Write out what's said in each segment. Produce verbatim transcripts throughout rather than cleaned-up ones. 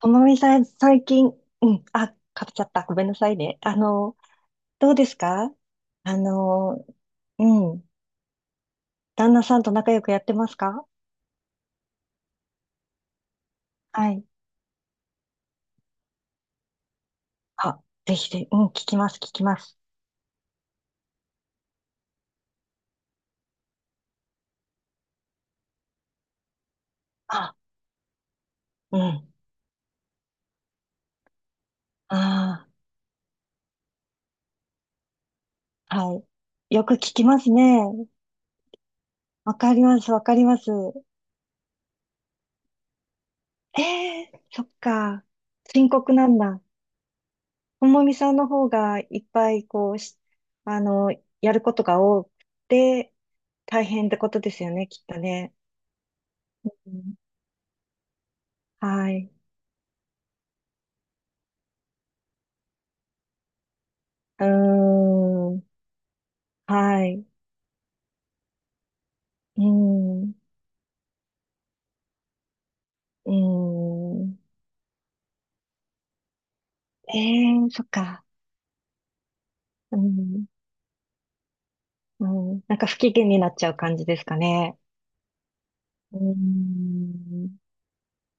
ともみさん、最近、うん、あ、かぶっちゃった。ごめんなさいね。あの、どうですか？あの、うん、旦那さんと仲良くやってますか？はい。あ、ぜひぜひ、うん、聞きます、聞きます。あ、うん、ああ、はい。よく聞きますね。わかります、わかります。ええ、そっか。深刻なんだ。ともみさんの方がいっぱい、こう、し、あの、やることが多くて、大変ってことですよね、きっとね。うん、はい。うーん。はい。うん。うん。ええ、そっか。うん。うん。なんか不機嫌になっちゃう感じですかね。うーん。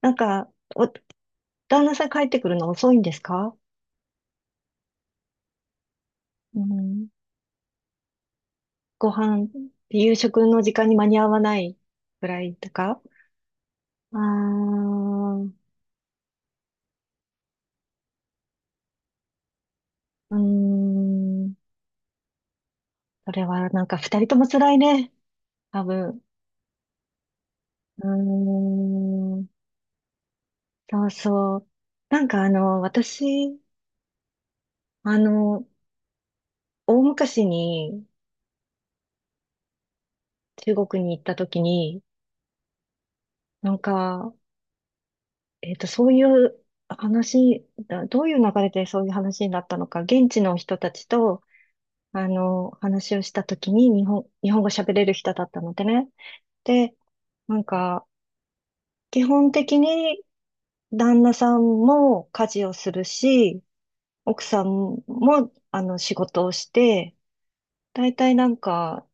なんか、お、旦那さん帰ってくるの遅いんですか？うん。ご飯、夕食の時間に間に合わないぐらいとか。ああ。うーん。それはなんか二人とも辛いね。多分。うーん。そうそう。なんかあの、私、あの、大昔に中国に行った時に、なんか、えっと、そういう話、だどういう流れでそういう話になったのか、現地の人たちと、あの、話をした時に日本、日本語喋れる人だったのでね。で、なんか、基本的に旦那さんも家事をするし、奥さんも、あの、仕事をして、大体なんか、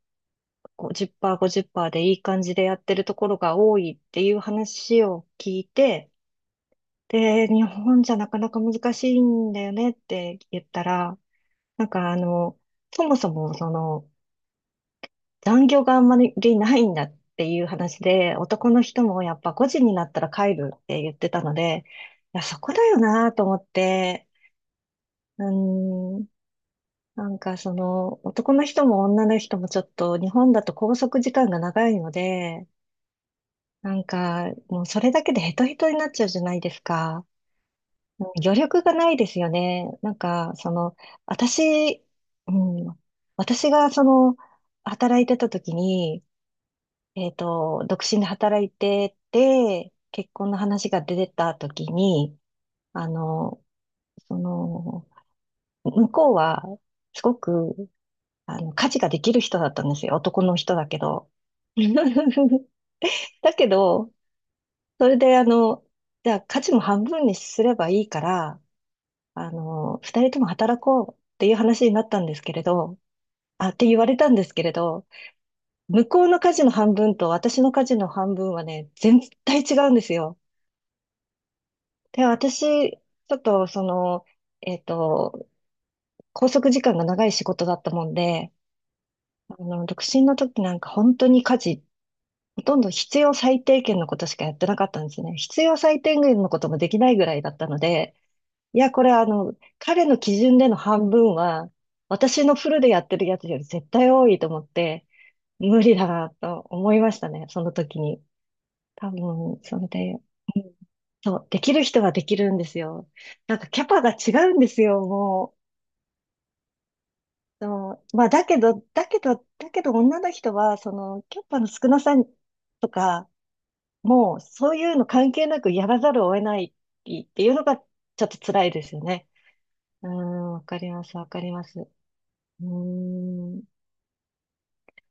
ごじゅっパーセント、ごじゅっパーセントでいい感じでやってるところが多いっていう話を聞いて、で、日本じゃなかなか難しいんだよねって言ったら、なんかあの、そもそもその残業があんまりないんだっていう話で、男の人もやっぱごじになったら帰るって言ってたので、いや、そこだよなと思って、うん、なんかその男の人も女の人もちょっと日本だと拘束時間が長いので、なんか、もうそれだけでヘトヘトになっちゃうじゃないですか。うん、余力がないですよね。なんか、その、私、うん、私がその、働いてた時に、えっと、独身で働いてて、結婚の話が出てた時に、あの、その、向こうは、すごく、あの、家事ができる人だったんですよ。男の人だけど。だけど、それで、あの、じゃあ家事も半分にすればいいから、あの、二人とも働こうっていう話になったんですけれど、あ、って言われたんですけれど、向こうの家事の半分と私の家事の半分はね、全体違うんですよ。で、私、ちょっとその、えっと、拘束時間が長い仕事だったもんで、あの、独身の時なんか本当に家事、ほとんど必要最低限のことしかやってなかったんですね。必要最低限のこともできないぐらいだったので、いや、これあの、彼の基準での半分は、私のフルでやってるやつより絶対多いと思って、無理だなと思いましたね、その時に。多分、それで、そう、できる人はできるんですよ。なんかキャパが違うんですよ、もう。そう、まあ、だけど、だけど、だけど女の人は、その、キャパの少なさとか、もう、そういうの関係なくやらざるを得ないっていうのが、ちょっと辛いですよね。うん、わかります、わかります。うーん、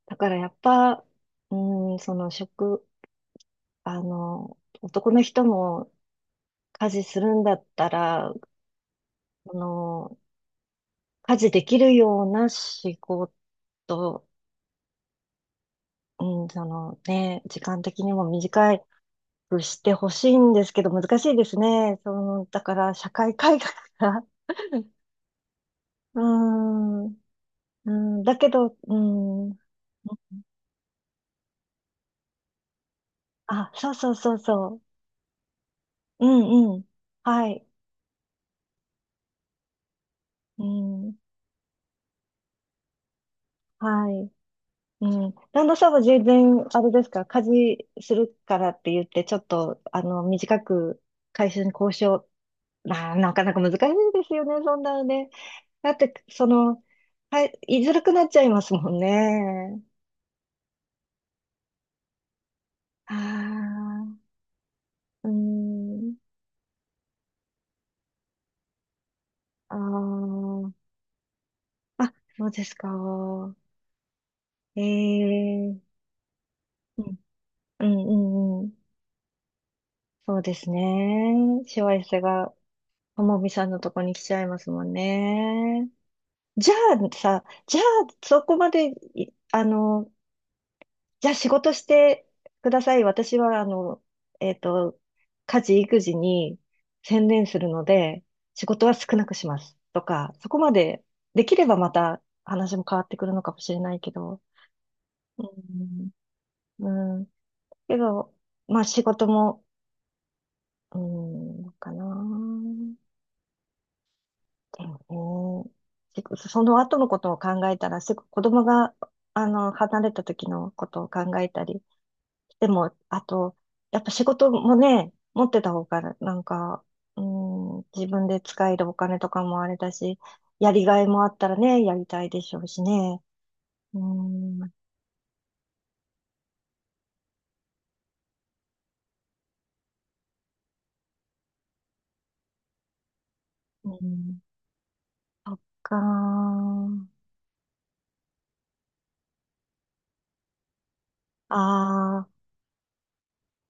だからやっぱ、うーん、その職、あの、男の人も家事するんだったら、その、家事できるような仕事、うん、そのね、時間的にも短くしてほしいんですけど、難しいですね。その、だから社会改革が、うーん、うん、だけど、うん、あ、そうそうそうそう、うんうん、はい、うん、はい。うん。旦那さんは全然、あれですか、家事するからって言って、ちょっと、あの、短く会社に交渉、まあ、なかなか難しいですよね、そんなのね。だって、その、はい、言いづらくなっちゃいますもんね。ああ、うん、あーあ、そうですか。ええ、うん、うん、うんうん。そうですね。しわ寄せが、ともみさんのとこに来ちゃいますもんね。じゃあさ、じゃあそこまでい、あの、じゃあ仕事してください。私は、あの、えっと、家事、育児に専念するので、仕事は少なくします。とか、そこまでできればまた話も変わってくるのかもしれないけど、うん、うん。けど、まあ仕事も、うん、かな。だよね。せその後のことを考えたら、すぐ子供が、あの、離れた時のことを考えたり。でも、あと、やっぱ仕事もね、持ってた方が、なんか、うん、自分で使えるお金とかもあれだし、やりがいもあったらね、やりたいでしょうしね。うん、うん、そっかー。ああ、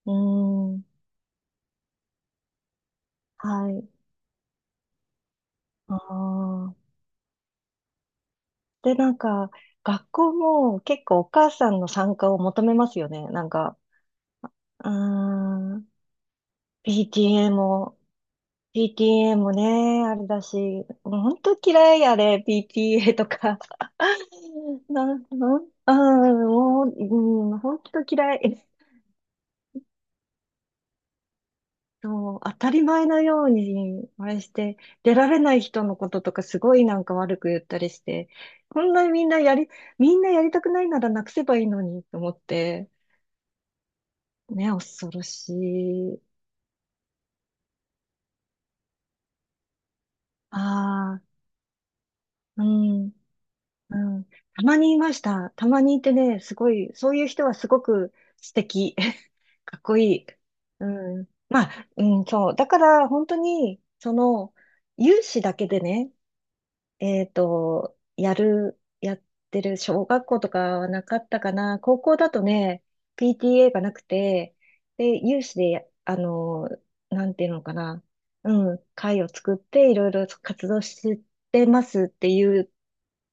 うん、はい。ああ。で、なんか、学校も結構お母さんの参加を求めますよね。なんか、うーん、ピーティーエー も、ピーティーエー もね、あれだし、もう本当嫌いあれ、ピーティーエー とか。なん、なん、うん、もう、うん、本当嫌い。そう、当たり前のように、あれして、出られない人のこととかすごいなんか悪く言ったりして、こんなにみんなやり、みんなやりたくないならなくせばいいのにと思って、ね、恐ろしい。ああ、うん、うん。たまにいました。たまにいてね、すごい、そういう人はすごく素敵。かっこいい。うん。まあ、うん、そう。だから、本当に、その、有志だけでね、えっと、やる、やってる小学校とかはなかったかな。高校だとね、ピーティーエー がなくて、で、有志でや、あの、なんていうのかな。うん、会を作っていろいろ活動してますっていう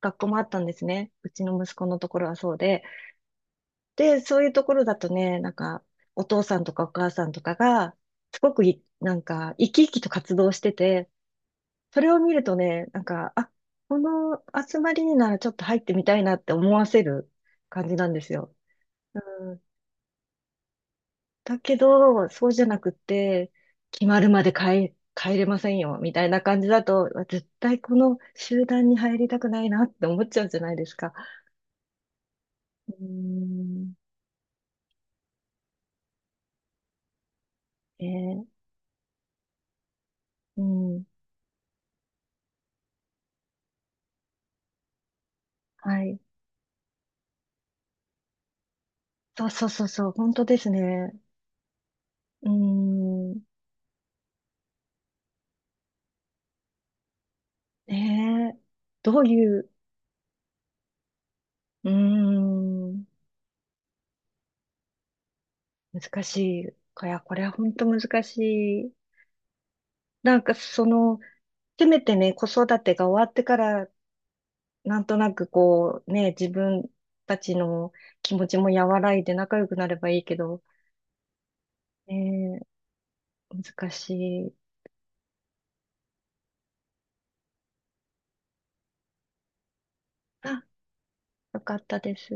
学校もあったんですね。うちの息子のところはそうで。で、そういうところだとね、なんか、お父さんとかお母さんとかが、すごくい、なんか、生き生きと活動してて、それを見るとね、なんか、あ、この集まりにならちょっと入ってみたいなって思わせる感じなんですよ。うん、だけど、そうじゃなくって、決まるまで帰、帰れませんよ、みたいな感じだと、絶対この集団に入りたくないなって思っちゃうじゃないですか。うん、えーうん、はい。そうそうそうそう、本当ですね。うん、ねえ、どういう、うん、難しい。いや、これは本当難しい。なんかその、せめてね、子育てが終わってから、なんとなくこう、ね、自分たちの気持ちも和らいで仲良くなればいいけど、ねえ、難しい。あ、よかったです。